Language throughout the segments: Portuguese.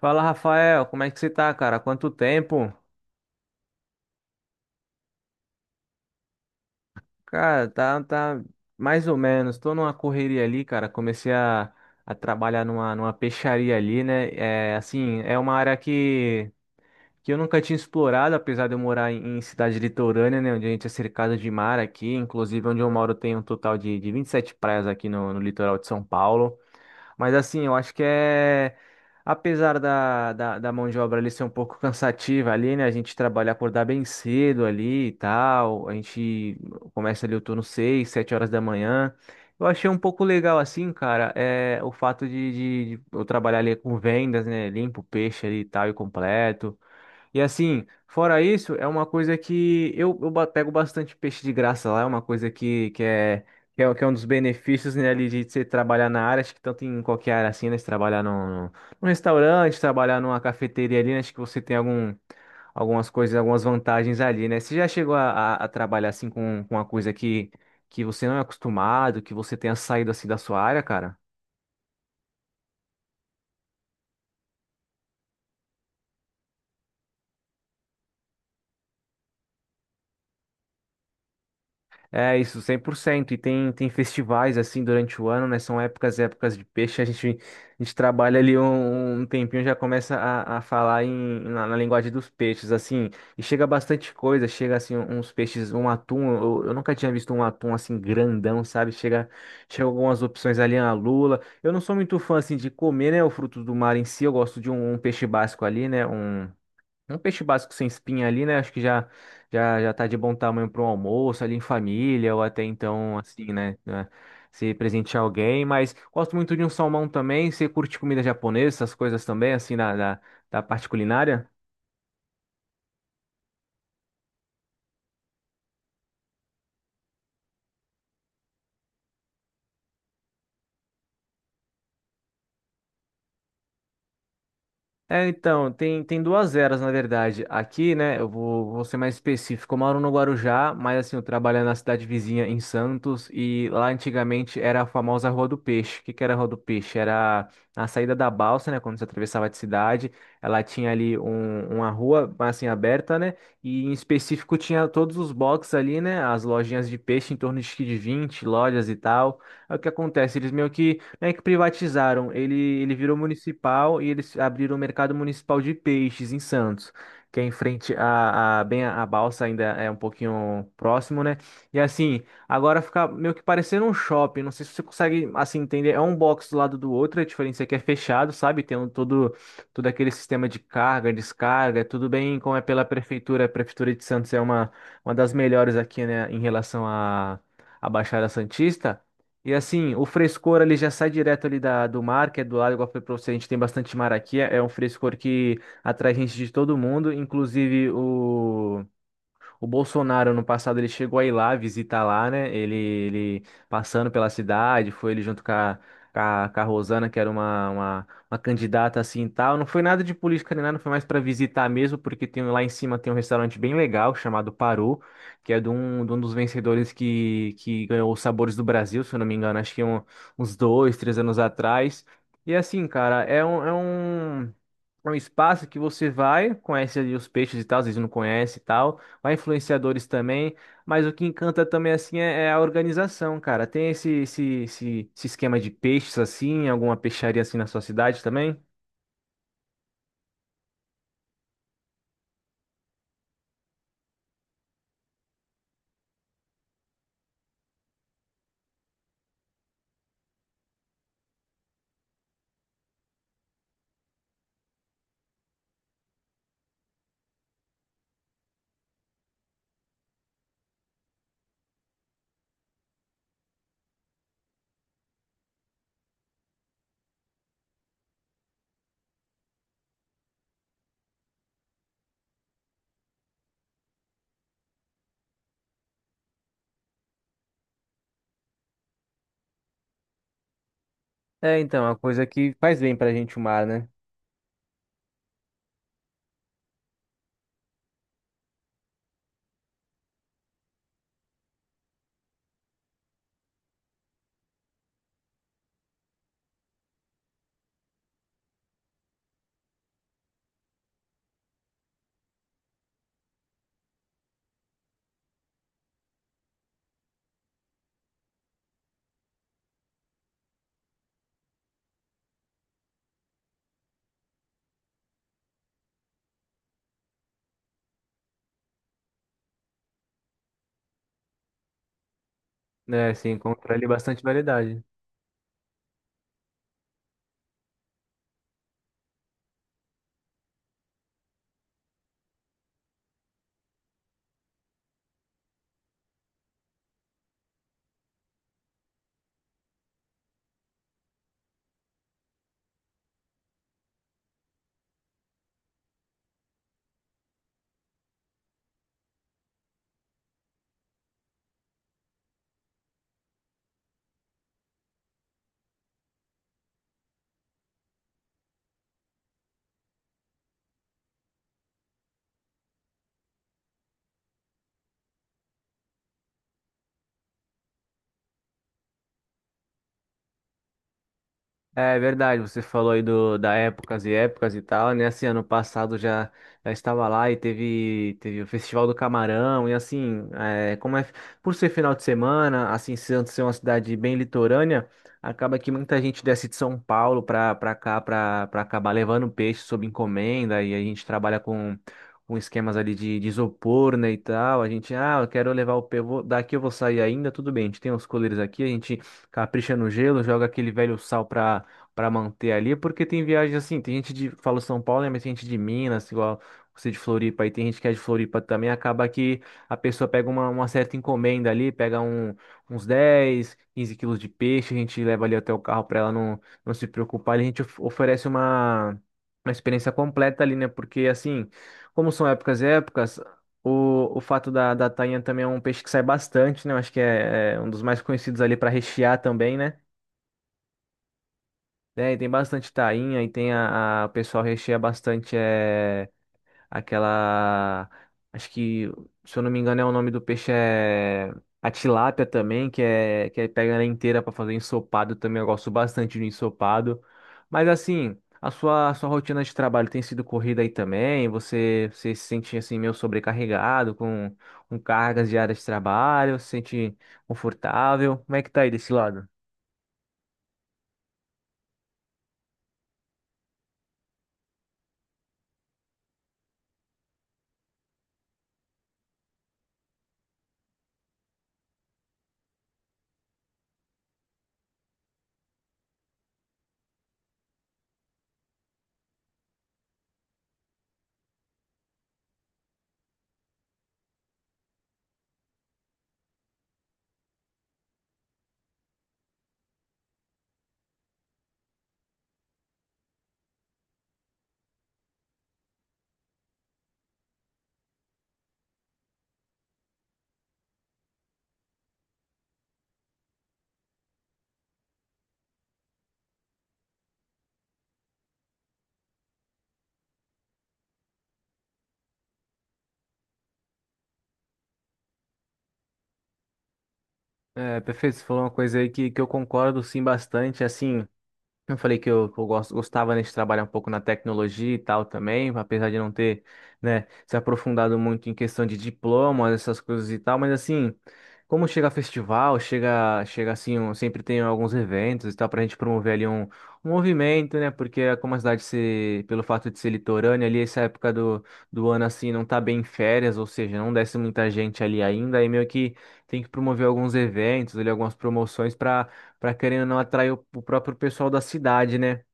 Fala, Rafael, como é que você tá, cara? Quanto tempo? Cara, tá mais ou menos. Tô numa correria ali, cara. A trabalhar numa peixaria ali, né? É, assim, é uma área que eu nunca tinha explorado, apesar de eu morar em cidade litorânea, né? Onde a gente é cercado de mar aqui. Inclusive, onde eu moro tem um total de 27 praias aqui no litoral de São Paulo. Mas assim, eu acho que é. Apesar da mão de obra ali ser um pouco cansativa ali, né? A gente trabalha, acordar bem cedo ali e tal. A gente começa ali o turno 6 7 horas da manhã. Eu achei um pouco legal assim, cara, é o fato de eu trabalhar ali com vendas, né? Limpo o peixe ali e tal e completo. E assim, fora isso, é uma coisa que pego bastante peixe de graça lá, é uma coisa que é um dos benefícios, né, ali de você trabalhar na área, acho que tanto em qualquer área assim, né, você trabalhar num num restaurante, trabalhar numa cafeteria ali, né, acho que você tem algumas coisas, algumas vantagens ali, né, você já chegou a trabalhar assim com uma coisa que você não é acostumado, que você tenha saído assim da sua área, cara? É isso, 100%. E tem festivais assim durante o ano, né? São épocas de peixe. A gente trabalha ali um tempinho, já começa a falar na linguagem dos peixes, assim. E chega bastante coisa, chega assim uns peixes, um atum. Eu nunca tinha visto um atum assim grandão, sabe? Chega algumas opções ali, a lula. Eu não sou muito fã assim de comer, né? O fruto do mar em si. Eu gosto de um peixe básico ali, né? Um peixe básico sem espinha ali, né? Acho que já tá de bom tamanho para um almoço ali em família ou até então assim, né? Se presentear alguém, mas gosto muito de um salmão também. Você curte comida japonesa, essas coisas também, assim, da parte culinária? É, então, tem duas eras, na verdade. Aqui, né, eu vou ser mais específico. Eu moro no Guarujá, mas assim, eu trabalho na cidade vizinha, em Santos, e lá antigamente era a famosa Rua do Peixe. O que que era a Rua do Peixe? Era a saída da balsa, né, quando você atravessava de cidade. Ela tinha ali um, uma rua, assim, aberta, né, e em específico tinha todos os boxes ali, né, as lojinhas de peixe, em torno de, acho que de 20 lojas e tal. Aí o que acontece? Eles meio que privatizaram. Ele virou municipal e eles abriram o mercado municipal de peixes em Santos, que é em frente bem a balsa ainda é um pouquinho próximo, né? E assim, agora fica meio que parecendo um shopping. Não sei se você consegue assim entender. É um box do lado do outro. A diferença é que é fechado, sabe? Tem um, todo aquele sistema de carga, descarga. Tudo bem como é pela prefeitura. A prefeitura de Santos é uma das melhores aqui, né? Em relação à Baixada Santista. E assim, o frescor ali já sai direto ali da, do mar, que é do lado, igual eu falei pra você, a gente tem bastante mar aqui é um frescor que atrai gente de todo mundo, inclusive o. O Bolsonaro, no passado, ele chegou a ir lá, visitar lá, né? Ele passando pela cidade, foi ele junto com a Rosana, que era uma candidata assim e tal. Não foi nada de política nem nada, foi mais para visitar mesmo, porque tem, lá em cima tem um restaurante bem legal chamado Parô, que é de de um dos vencedores que ganhou os Sabores do Brasil, se eu não me engano, acho que é uns dois, três anos atrás. E assim, cara, é é um espaço que você vai, conhece ali os peixes e tal, às vezes não conhece e tal. Vai influenciadores também, mas o que encanta também assim é a organização, cara. Tem esse esquema de peixes assim, alguma peixaria assim na sua cidade também? É, então, é uma coisa que faz bem pra gente o mar, né? É, você encontra ali bastante variedade. É verdade, você falou aí da épocas e épocas e tal, né? Assim, ano passado já, já estava lá e teve o Festival do Camarão, e assim, é, como é, por ser final de semana, assim, sendo ser uma cidade bem litorânea, acaba que muita gente desce de São Paulo para cá, para acabar levando peixe sob encomenda, e a gente trabalha com esquemas ali de isopor, né, e tal. A gente, ah, eu quero levar o daqui eu vou sair ainda, tudo bem, a gente tem os coleiros aqui, a gente capricha no gelo, joga aquele velho sal para manter ali, porque tem viagem assim, tem gente de, falo São Paulo, né, mas tem gente de Minas, igual você de Floripa, e tem gente que é de Floripa também, acaba que a pessoa pega uma certa encomenda ali, pega uns 10, 15 quilos de peixe, a gente leva ali até o carro para ela não se preocupar, e a gente oferece uma experiência completa ali, né, porque assim, como são épocas e épocas, o fato da tainha também é um peixe que sai bastante, né, eu acho que é um dos mais conhecidos ali para rechear também, né, é, e tem bastante tainha e tem o pessoal recheia bastante é, aquela. Acho que, se eu não me engano, é o nome do peixe é a tilápia também, que é que aí pega ela inteira para fazer ensopado também. Eu gosto bastante do ensopado. Mas assim, a sua rotina de trabalho tem sido corrida aí também? Você se sente assim meio sobrecarregado com cargas diárias de trabalho? Se sente confortável? Como é que tá aí desse lado? É, perfeito, você falou uma coisa aí que eu concordo sim bastante, assim, eu falei que que eu gosto, gostava, né, de trabalhar um pouco na tecnologia e tal também, apesar de não ter, né, se aprofundado muito em questão de diplomas, essas coisas e tal, mas assim, como chega festival, chega assim, sempre tem alguns eventos e tal, pra gente promover ali um movimento, né, porque é como a cidade ser, pelo fato de ser litorânea ali, essa época do ano assim, não tá bem em férias, ou seja, não desce muita gente ali ainda, e meio que tem que promover alguns eventos ali, algumas promoções para querendo ou não atrair o próprio pessoal da cidade, né?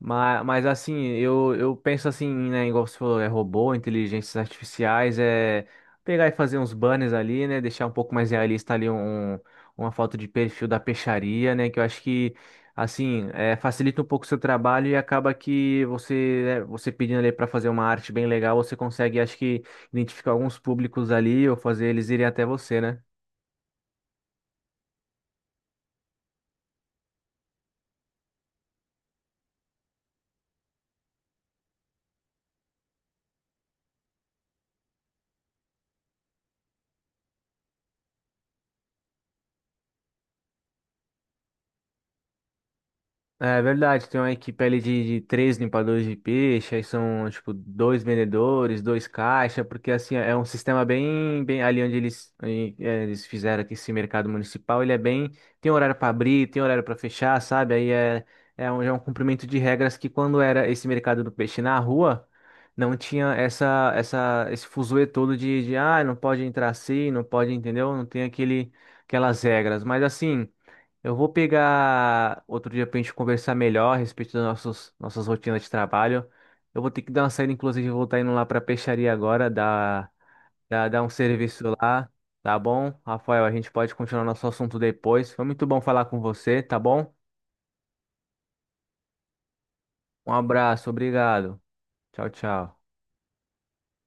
Mas assim, eu penso assim, né? Igual você falou, é robô, inteligências artificiais, é pegar e fazer uns banners ali, né? Deixar um pouco mais realista ali uma foto de perfil da peixaria, né? Que eu acho que, assim, é, facilita um pouco o seu trabalho e acaba que você, né, você pedindo ali para fazer uma arte bem legal, você consegue, acho que, identificar alguns públicos ali ou fazer eles irem até você, né? É verdade, tem uma equipe ali de três limpadores de peixe, aí são, tipo, dois vendedores, dois caixa, porque, assim, é um sistema bem ali onde eles, aí, é, eles fizeram aqui esse mercado municipal, ele é bem, tem horário para abrir, tem horário para fechar, sabe? Aí é, é é um cumprimento de regras que quando era esse mercado do peixe na rua, não tinha esse fuzuê todo ah, não pode entrar assim, não pode, entendeu? Não tem aquele, aquelas regras, mas, assim... Eu vou pegar outro dia pra gente conversar melhor a respeito das nossas rotinas de trabalho. Eu vou ter que dar uma saída, inclusive, eu vou estar indo lá pra peixaria agora, dar um serviço lá, tá bom? Rafael, a gente pode continuar nosso assunto depois. Foi muito bom falar com você, tá bom? Um abraço, obrigado. Tchau, tchau.